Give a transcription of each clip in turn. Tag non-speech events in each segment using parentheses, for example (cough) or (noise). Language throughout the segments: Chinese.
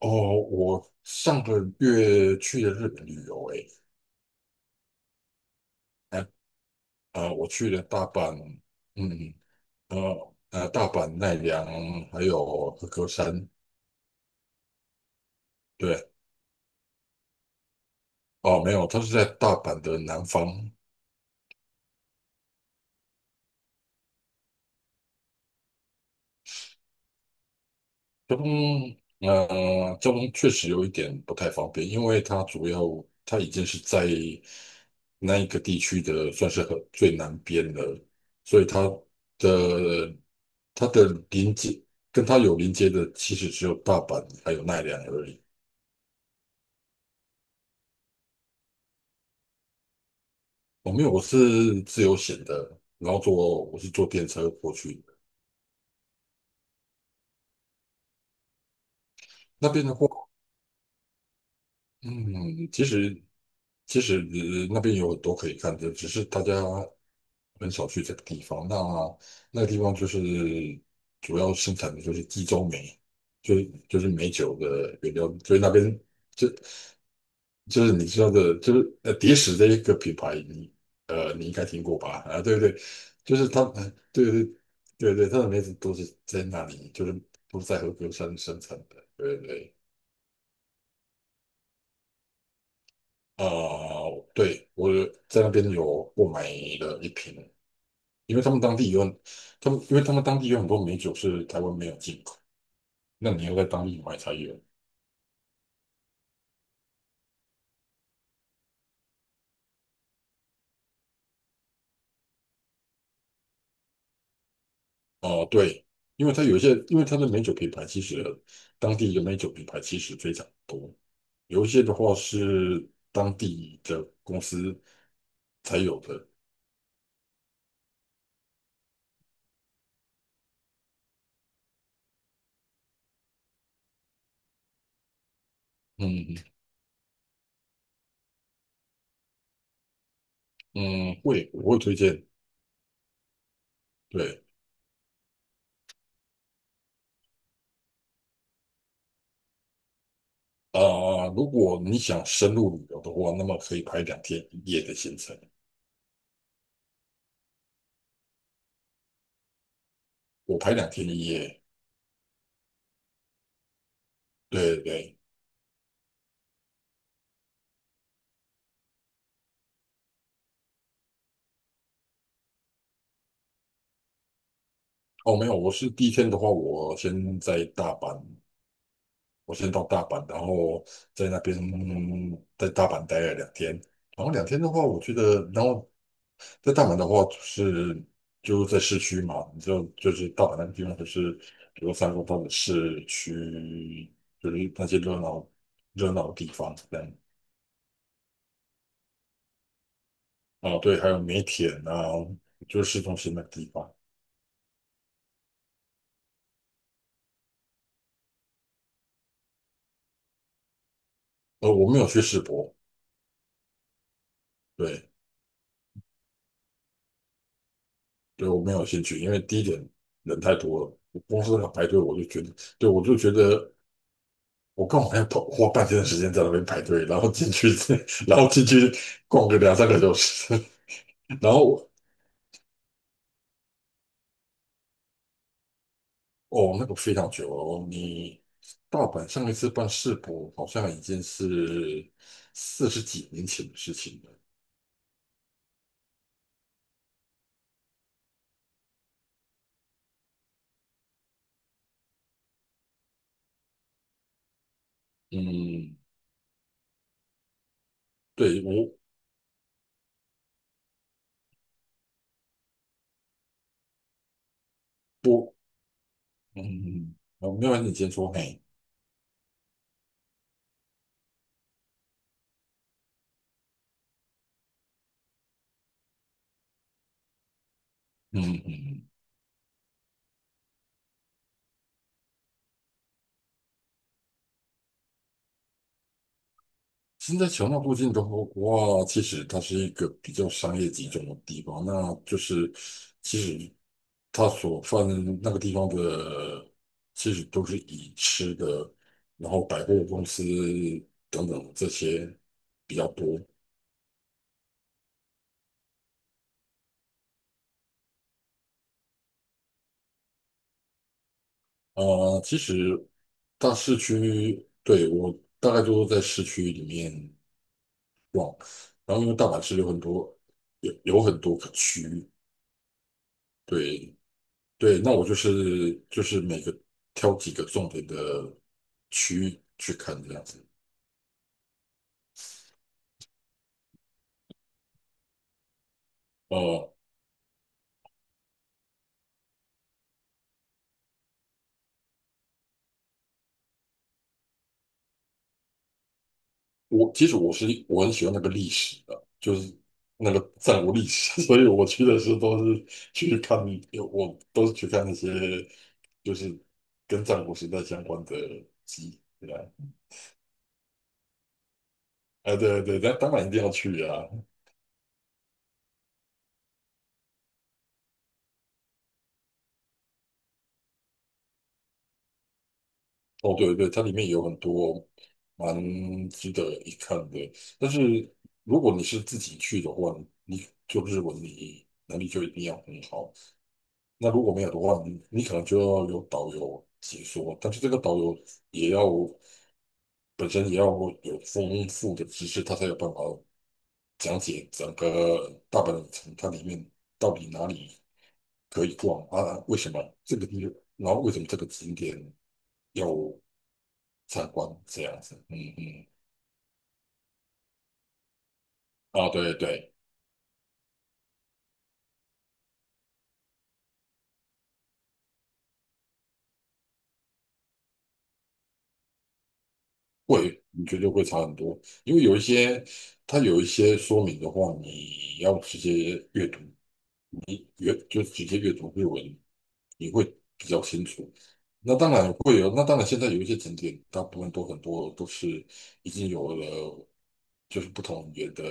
哦，我上个月去了日本旅游欸，诶，我去了大阪，嗯，大阪奈良还有和歌山，对，哦，没有，它是在大阪的南方，中确实有一点不太方便，因为它主要它已经是在那一个地区的算是很最南边了，所以它的它的临接跟它有临接的其实只有大阪还有奈良而已。没有，我是自由行的，然后我是坐电车过去的，那边的话。嗯，其实其实,那边有很多可以看的，只是大家很少去这个地方。那那个地方就是主要生产的就是地中梅，就是美酒的原料，所以那边就就是你知道的，就是蝶石这一个品牌，你应该听过吧？啊，对不对，就是它，对对对对，它的梅子都是在那里，就是都是在和歌山生产的，对对。啊，对，我在那边有购买了一瓶，因为他们当地有，因为他们当地有很多美酒是台湾没有进口，那你要在当地买才有。哦、对，因为它的美酒品牌其实当地的美酒品牌其实非常多，有一些的话是当地的公司才有的。嗯嗯，我会推荐。对啊、如果你想深入旅游的话，那么可以排两天一夜的行程。我排两天一夜，对对对，哦，没有，我是第一天的话，我先到大阪，然后在那边在大阪待了两天，然后两天的话，我觉得，然后在大阪的话，就是就在市区嘛，就是大阪那个地方，就是比如三宫或的市区，就是那些热闹的地方这样，啊，对，还有梅田啊，就是市中心那个地方，我没有去世博，对。对我没有兴趣，因为第一点人太多了，我公司要排队，我就觉得，对我就觉得我刚好要跑，花半天的时间在那边排队，然后进去，(laughs) 然后进去逛个两三个小时，(laughs) 然后哦，那个非常久哦，你大阪上一次办世博好像已经是40几年前的事情了，嗯，对我嗯，我没有你先说，嘿，嗯嗯。现在桥那附近的话，其实它是一个比较商业集中的地方，那就是其实它所泛那个地方的，其实都是以吃的，然后百货公司等等这些比较多。啊、其实大市区，对，我大概都在市区里面，然后因为大阪市有很多个区，对，对，那我就是每个挑几个重点的区域去看这样子。呃，我其实我是我很喜欢那个历史的，就是那个战国历史，(laughs) 所以我去的时候都是去看，我都是去看那些就是跟战国时代相关的集。对啊，啊对对，那当然一定要去啊。哦，对对，它里面有很多蛮值得一看的。但是如果你是自己去的话，你就日文你能力就一定要很好。那如果没有的话，你可能就要有导游解说，但是这个导游也要本身也要有丰富的知识，他才有办法讲解整个大阪的城，它里面到底哪里可以逛啊？为什么这个地方，然后为什么这个景点？要？参观这样子，嗯嗯，啊，对对，会，你绝对会差很多，因为有一些它有一些说明的话，你要直接阅读，就直接阅读日文，你会比较清楚。那当然会有，那当然现在有一些景点，大部分都很多都是已经有了，就是不同语言的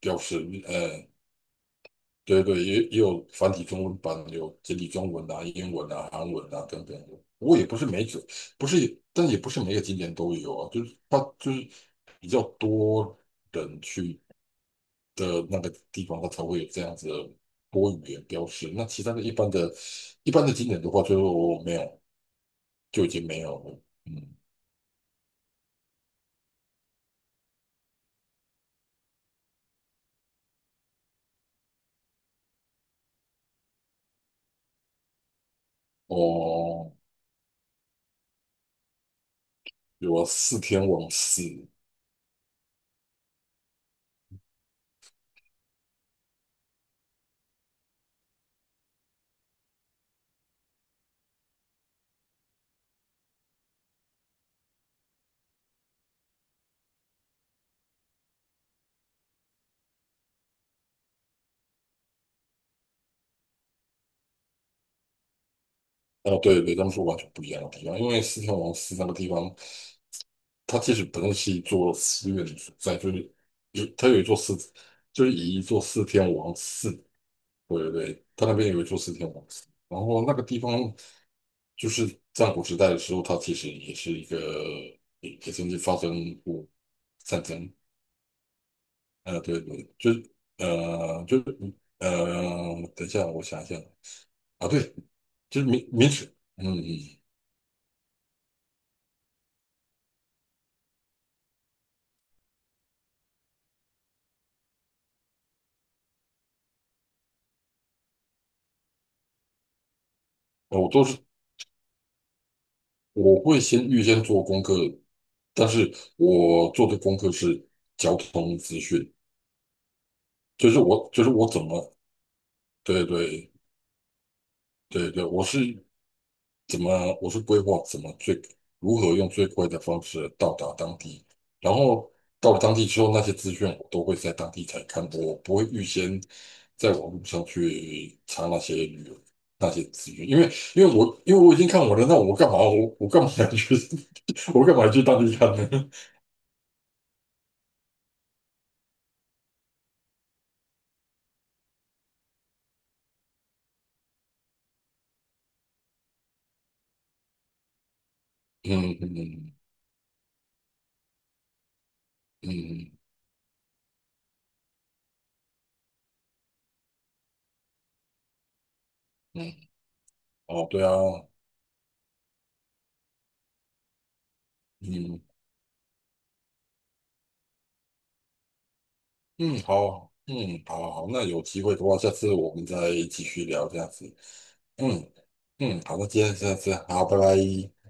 标识，呃，对对，也有繁体中文版，有简体中文啊、英文啊、韩文啊等等不过也不是每个，不是，但也不是每个景点都有啊。就是它就是比较多人去的那个地方，它才会有这样子的多语言标识。那其他的一般的景点的话，就没有，就已经没有了。嗯，哦，有啊，四天王寺。哦，对对，他们是完全不一样的地方，因为四天王寺那个地方。它其实本身是一座寺院的所在，就是它有一座寺，就是以一座四天王寺，对对对，它那边有一座四天王寺。然后那个地方就是战国时代的时候，它其实也是一个也也曾经发生过战争。对对，就是呃就是，等一下，我想一下啊，对，就是明明史，嗯嗯，嗯呃我都是我会先预先做功课，但是我做的功课是交通资讯，就是我就是我怎么对对对对，我是怎么我是规划怎么最如何用最快的方式到达当地，然后到了当地之后，那些资讯我都会在当地才看，我不会预先在网络上去查那些资讯，因为我已经看完了，那我干嘛要去 (laughs) 我干嘛要去当地看呢？嗯嗯嗯嗯，嗯，哦，对啊，嗯嗯，好，嗯，好好好那有机会的话，下次我们再继续聊这样子。嗯嗯，好，那今天先这样，好，拜拜。